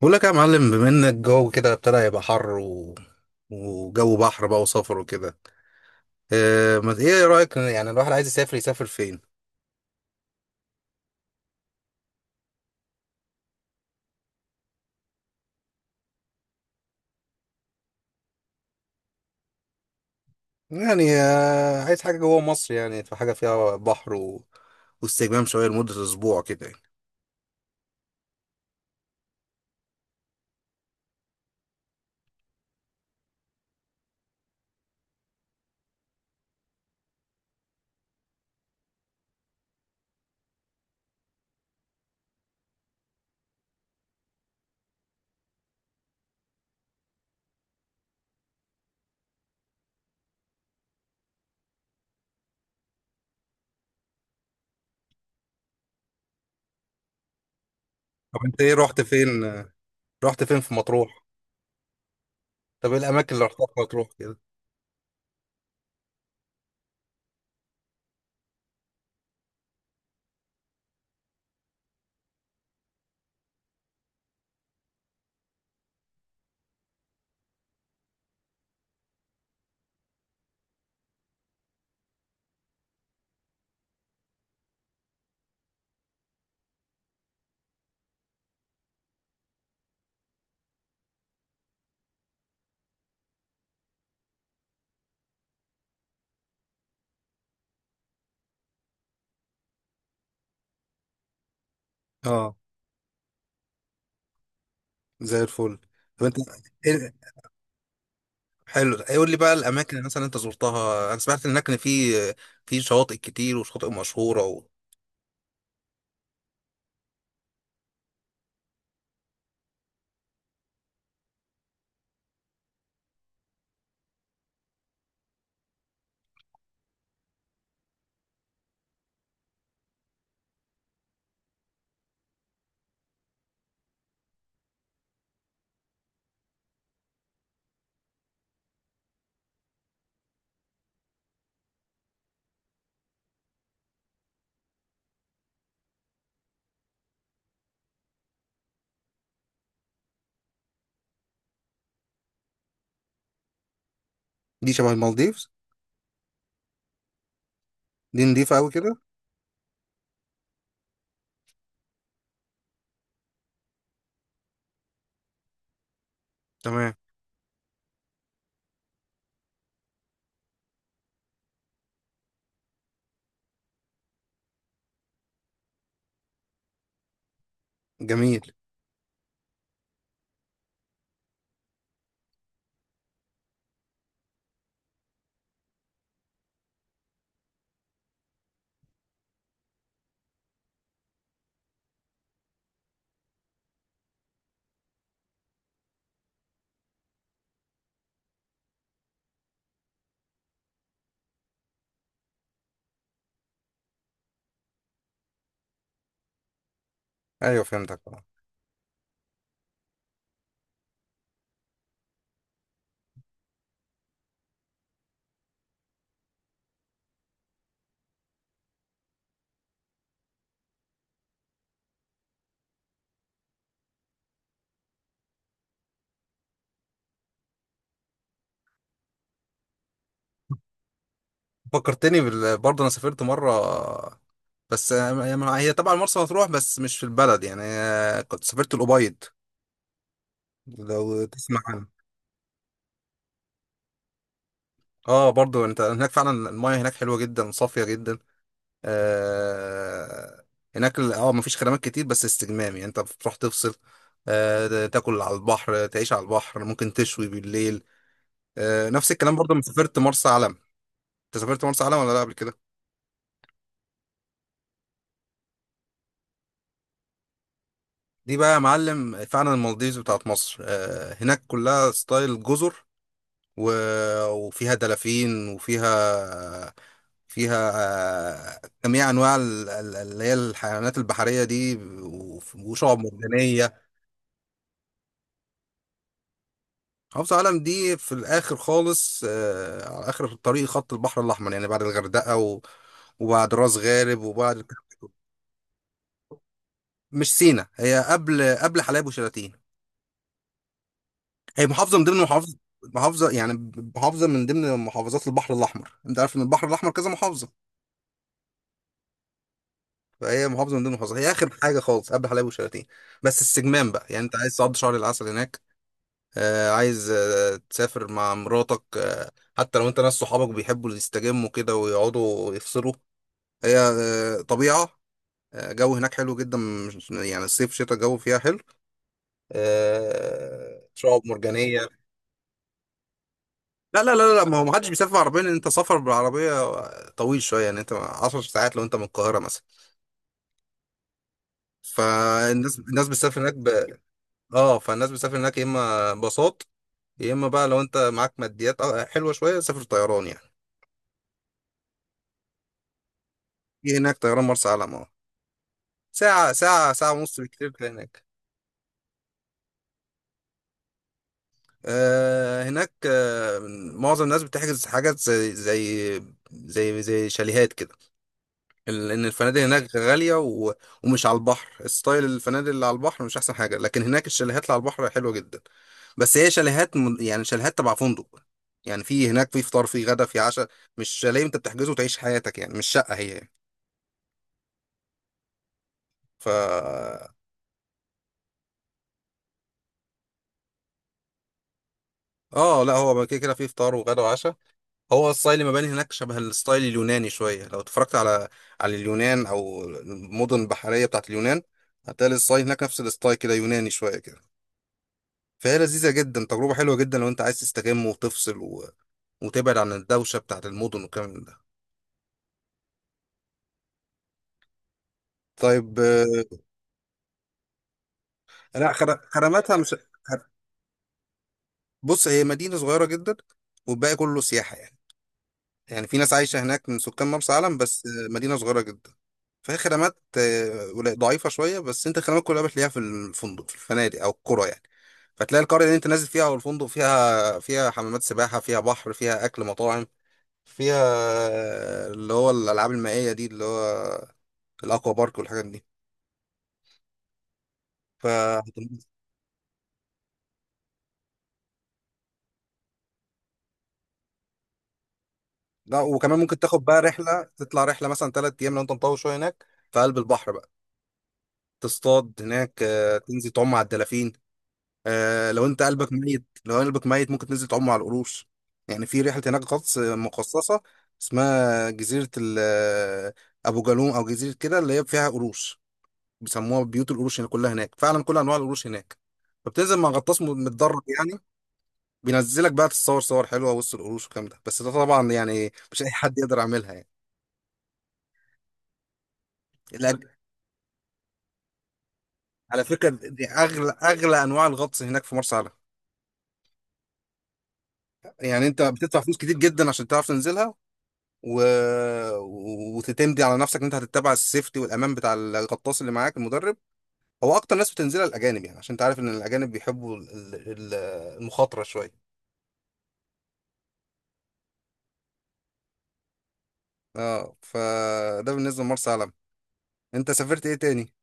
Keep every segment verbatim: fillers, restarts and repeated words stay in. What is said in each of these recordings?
بقول لك يا معلم، بما ان الجو كده ابتدى يبقى حر و... وجو بحر بقى وسفر وكده. اه، ما ايه رأيك؟ يعني الواحد عايز يسافر يسافر فين؟ يعني اه، عايز حاجة جوه مصر. يعني في حاجة فيها بحر و... واستجمام شوية لمدة اسبوع كده يعني. طب انت ايه رحت فين؟ آه، رحت فين في مطروح؟ طب ايه الاماكن اللي رحتها في مطروح كده؟ اه، زي الفل. طب انت ايه حلو، قول لي بقى الاماكن اللي مثلا انت زرتها. انا سمعت هناك ان في في شواطئ كتير وشواطئ مشهورة و... دي شبه المالديف؟ دي نضيفة أوي كده. تمام. جميل. أيوة فهمتك آه. فكرتني بال... برضه أنا سافرت مرة. بس آه، هي طبعا مرسى مطروح بس مش في البلد يعني. آه، كنت سافرت الأبيض، لو تسمع عنه. اه، برضه انت هناك فعلا المايه هناك حلوة جدا، صافية جدا. آه هناك ال- اه مفيش خدمات كتير بس استجمام، يعني انت بتروح تفصل. آه تاكل على البحر، تعيش على البحر، ممكن تشوي بالليل. آه نفس الكلام برضه لما سافرت مرسى علم. انت سافرت مرسى علم ولا لا قبل كده؟ دي بقى يا معلم فعلا المالديفز بتاعت مصر. آه، هناك كلها ستايل جزر و- وفيها دلافين وفيها فيها آه، جميع انواع ال- ال- اللي هي الحيوانات البحريه دي وف- وشعب مرجانيه. محافظه علم دي في الاخر خالص، آه، على اخر الطريق خط البحر الاحمر يعني، بعد الغردقه و- وبعد راس غارب وبعد... مش سينا، هي قبل قبل حلايب وشلاتين. هي محافظه من ضمن محافظه، محافظه يعني، محافظه من ضمن محافظات البحر الاحمر. انت عارف ان البحر الاحمر كذا محافظه. فهي محافظه من ضمن المحافظات. هي اخر حاجه خالص قبل حلايب وشلاتين، بس السجمان بقى. يعني انت عايز تقضي شهر العسل هناك؟ آه عايز آه تسافر مع مراتك. آه حتى لو انت ناس صحابك بيحبوا يستجموا كده ويقعدوا يفصلوا. هي آه طبيعه. آه جو هناك حلو جدا. مش- يعني الصيف شتاء الجو فيها حلو. آه شعاب مرجانيه. لا لا لا لا، ما هو محدش بيسافر بعربية، لأن أنت سفر بالعربية طويل شوية يعني. أنت عشر ساعات لو أنت من القاهرة مثلا. فالناس الناس بتسافر هناك ب... أه فالناس بتسافر هناك يا إما باصات، يا إما بقى لو أنت معاك ماديات آه، حلوة شوية سافر طيران يعني. في هناك طيران مرسى علم. أه ساعة ساعة ساعة ونص بالكتير تلاقي هناك. آه هناك آه معظم الناس بتحجز حاجات زي زي زي زي شاليهات كده. ال- ان الفنادق هناك غاليه و... ومش على البحر. ستايل الفنادق اللي على البحر مش احسن حاجه، لكن هناك الشاليهات اللي على البحر حلوه جدا. بس هي شاليهات م... يعني شاليهات تبع فندق. يعني في هناك في فطار، في غدا، في عشاء. مش شاليه انت بتحجزه وتعيش حياتك يعني. مش شقه هي يعني. ف اه لا، هو كده كده في فطار وغدا وعشاء. هو ستايل المباني هناك شبه الستايل اليوناني شويه. لو اتفرجت على على اليونان او المدن البحريه بتاعت اليونان، هتلاقي الستايل هناك نفس الستايل كده، يوناني شويه كده. فهي لذيذة جدا، تجربة حلوة جدا لو انت عايز تستجم وتفصل و... وتبعد عن الدوشة بتاعت المدن والكلام من ده. طيب. آه، لا، خر... خدماتها مش. خر- بص، هي مدينة صغيرة جدا، والباقي كله سياحة يعني. يعني في ناس عايشة هناك من سكان مرسى علم، بس آه، مدينة صغيرة جدا. فهي خدمات آه، قليل- ضعيفة شوية، بس انت الخدمات كلها بتلاقيها في الفندق، في الفنادق او القرى يعني. فتلاقي القرية اللي انت نازل فيها او الفندق، فيها فيها حمامات سباحة، فيها بحر، فيها اكل، مطاعم، فيها اللي هو الالعاب المائيه دي، اللي هو الاكوا بارك والحاجات دي. ف لا، وكمان ممكن تاخد بقى رحله، تطلع رحله مثلا ثلاث ايام لو انت مطول شويه هناك في قلب البحر بقى. تصطاد هناك، آه، تنزل تعوم على الدلافين. آه، لو انت قلبك ميت، لو قلبك ميت ممكن تنزل تعوم على القروش. يعني في رحله هناك غطس مخصصه اسمها جزيره ال- آه، ابو جالوم، او جزيره كده اللي هي فيها قروش. بيسموها بيوت القروش. هنا كلها هناك فعلا كل انواع القروش هناك. فبتنزل مع غطاس م- متدرب يعني. بينزلك بقى تتصور صور حلوه وسط القروش والكلام ده، بس ده طبعا يعني مش اي حد يقدر يعملها يعني. لأن- على فكره، دي اغلى اغلى انواع الغطس هناك في مرسى علم. يعني انت بتدفع فلوس كتير جدا عشان تعرف تنزلها و... و- وتتمدي على نفسك ان انت هتتبع السيفتي والامان بتاع الغطاس اللي معاك المدرب. هو اكتر ناس بتنزلها الاجانب، يعني عشان تعرف ان الاجانب بيحبوا ال- ال- المخاطره شويه. اه فده بالنسبه لمرسى علم. انت سافرت ايه تاني؟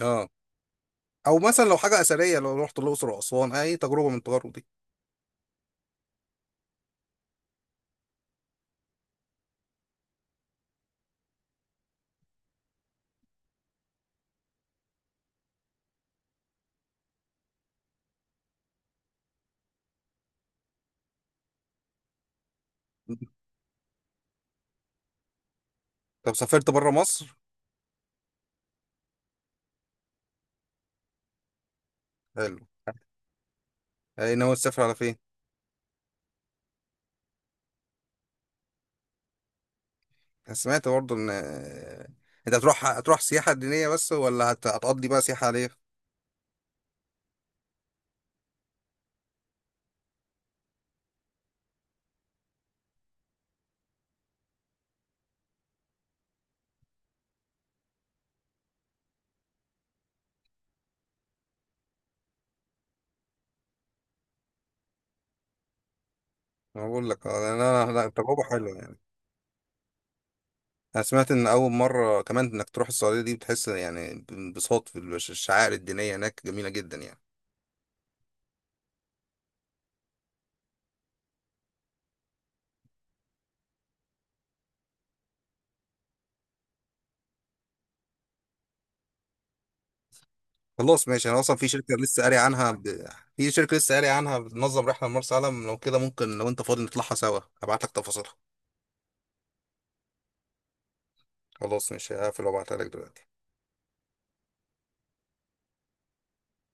اه او مثلا لو حاجه اثريه، لو رحت الاقصر واسوان، اي تجربه من التجارب دي. طب سافرت بره مصر؟ حلو. اي ناوي تسافر على فين؟ أنا سمعت برضه ان آه، انت هتروح هتروح سياحه دينيه بس، ولا هت... هتقضي بقى سياحه عليه؟ انا بقول لك آه، انا أنا- لا، تجربه حلوه يعني. انا سمعت ان اول مره كمان انك تروح السعوديه دي بتحس يعني بانبساط في الش- الشعائر الدينيه هناك جميله جدا يعني. خلاص ماشي، انا اصلا في شركه لسه قاري عنها ب... في شركه لسه قاري عنها بتنظم رحله لمرسى علم. لو كده ممكن لو انت فاضي نطلعها سوا، هبعت لك تفاصيلها. خلاص ماشي، هقفل وابعتها لك دلوقتي.